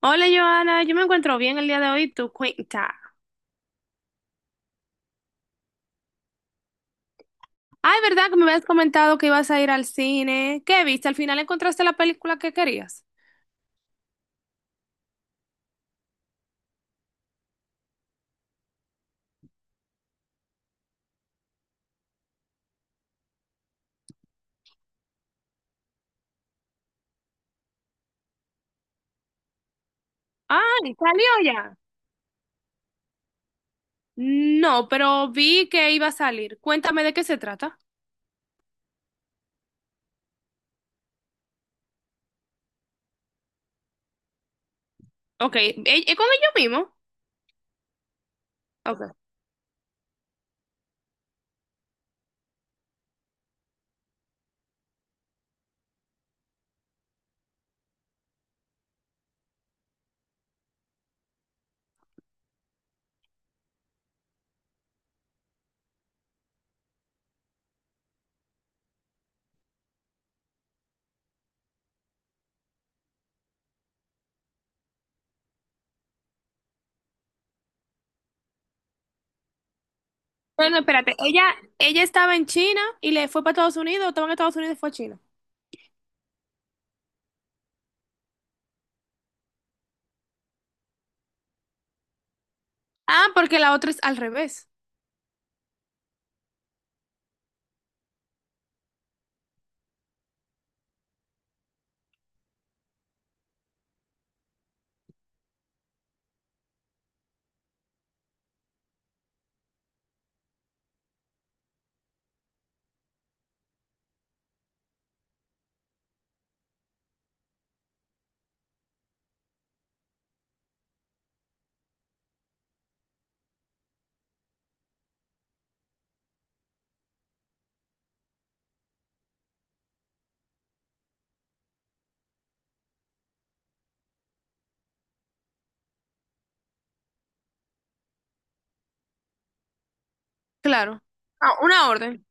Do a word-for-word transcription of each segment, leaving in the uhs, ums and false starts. Hola Joana, yo me encuentro bien el día de hoy, tu cuenta. Ay, ¿verdad que me habías comentado que ibas a ir al cine? ¿Qué viste? ¿Al final encontraste la película que querías? Ay, ¿salió ya? No, pero vi que iba a salir. Cuéntame de qué se trata. Ok, ¿e- ¿es con ellos mismos? Ok. Bueno, espérate, ella, ella estaba en China y le fue para Estados Unidos, o estaba en Estados Unidos y fue a China. Ah, porque la otra es al revés. Claro. Ah, una orden.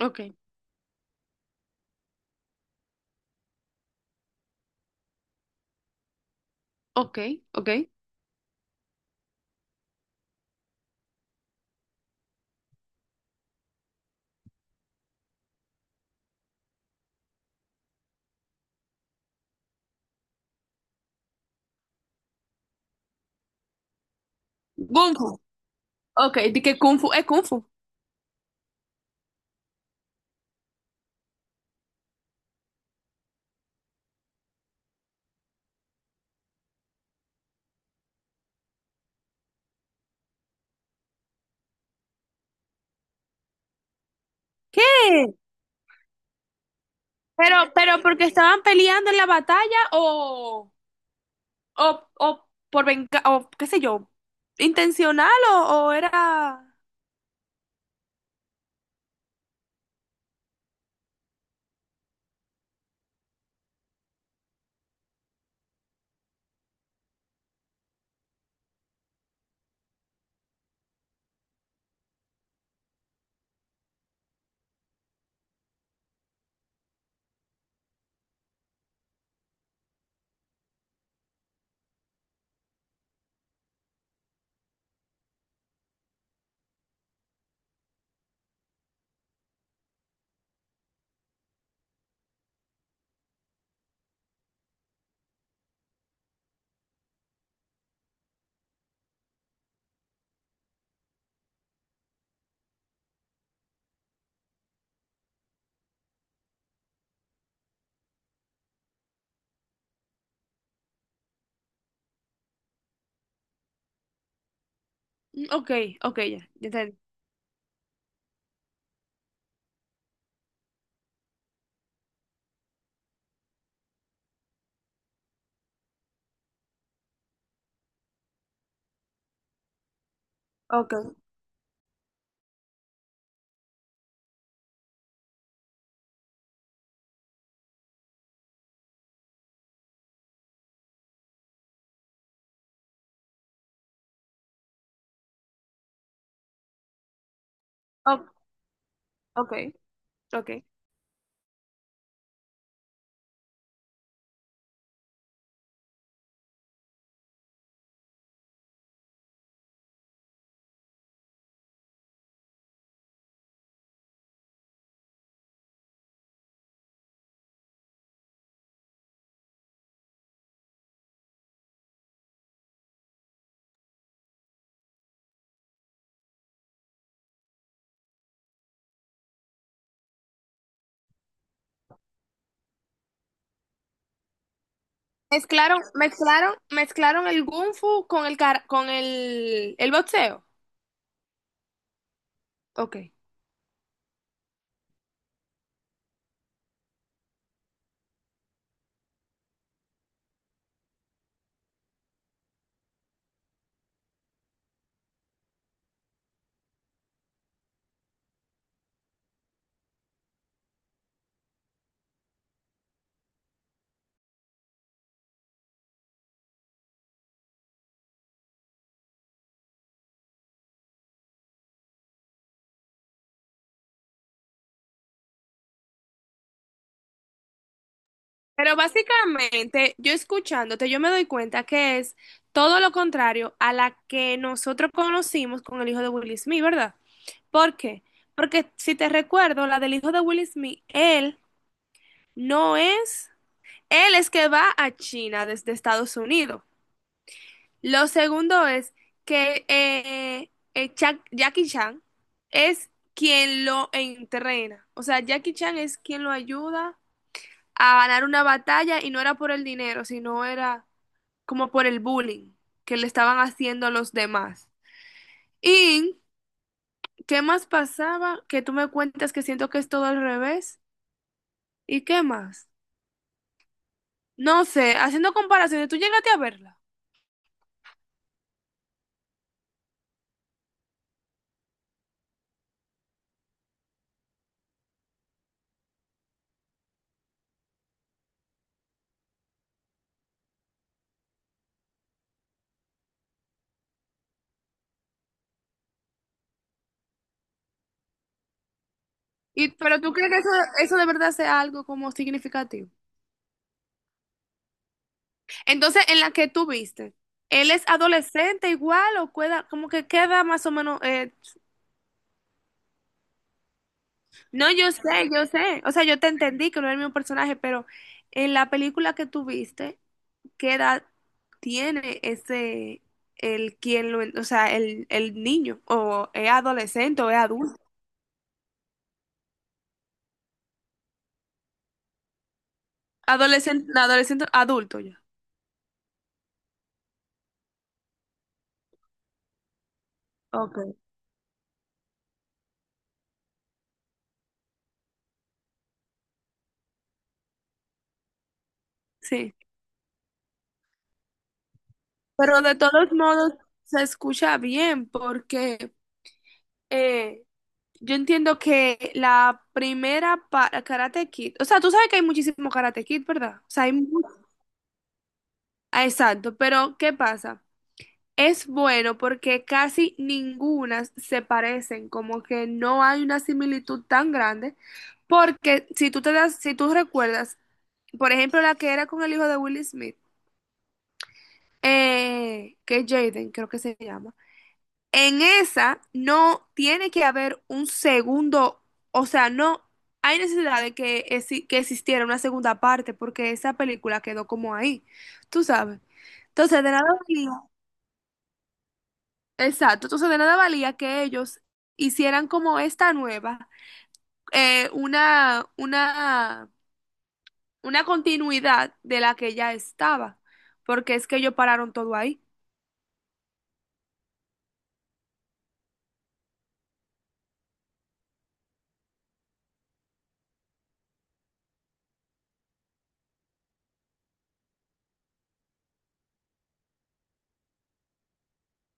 Ok, ok, ok. Kung Fu. Ok, di que Kung Fu es Kung Fu. ¿Qué? Pero, pero porque estaban peleando en la batalla o, o, o por venga, o qué sé yo, intencional o, o era... Mm, ok, ok, ya, ya entendí. Ok, o- ok, ok. Mezclaron, mezclaron, mezclaron el Kung Fu con el, car- con el, el boxeo. Ok. Pero básicamente, yo escuchándote, yo me doy cuenta que es todo lo contrario a la que nosotros conocimos con el hijo de Will Smith, ¿verdad? ¿Por qué? Porque si te recuerdo, la del hijo de Will Smith, él no es, él es que va a China desde Estados Unidos. Lo segundo es que eh, eh, Cha- Jackie Chan es quien lo entrena. O sea, Jackie Chan es quien lo ayuda a ganar una batalla y no era por el dinero, sino era como por el bullying que le estaban haciendo a los demás. ¿Y qué más pasaba? Que tú me cuentas que siento que es todo al revés. ¿Y qué más? No sé, haciendo comparaciones, tú llegaste a verla. Y, pero tú crees que eso, eso de verdad sea algo como significativo. Entonces, en la que tú viste, ¿él es adolescente igual o queda, como que queda más o menos, eh, no, yo sé, yo sé. O sea, yo te entendí que no era el mismo personaje, pero en la película que tú viste, ¿qué edad tiene ese, el quien lo, o sea, el, el niño? ¿O es adolescente o es adulto? Adolescente, adolescente, adulto ya. Ok. Sí. Pero de todos modos se escucha bien porque eh, yo entiendo que la primera para Karate Kid, o sea, tú sabes que hay muchísimo Karate Kid, ¿verdad? O sea, hay mu- ah, exacto, pero ¿qué pasa? Es bueno porque casi ninguna se parecen, como que no hay una similitud tan grande, porque si tú te das, si tú recuerdas, por ejemplo, la que era con el hijo de Will Smith, eh, que es Jaden, creo que se llama, en esa no tiene que haber un segundo, o sea, no hay necesidad de que, exi- que existiera una segunda parte, porque esa película quedó como ahí, tú sabes. Entonces, de nada valía. Exacto, entonces de nada valía que ellos hicieran como esta nueva, eh, una, una, una continuidad de la que ya estaba, porque es que ellos pararon todo ahí.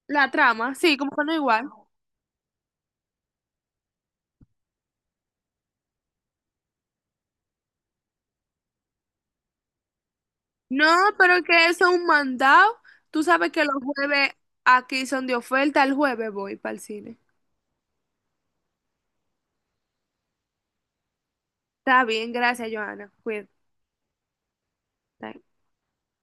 La trama, sí, como que no igual. No, pero que eso es un mandado. Tú sabes que los jueves aquí son de oferta, el jueves voy para el cine. Está bien, gracias, Joana. Cuídate.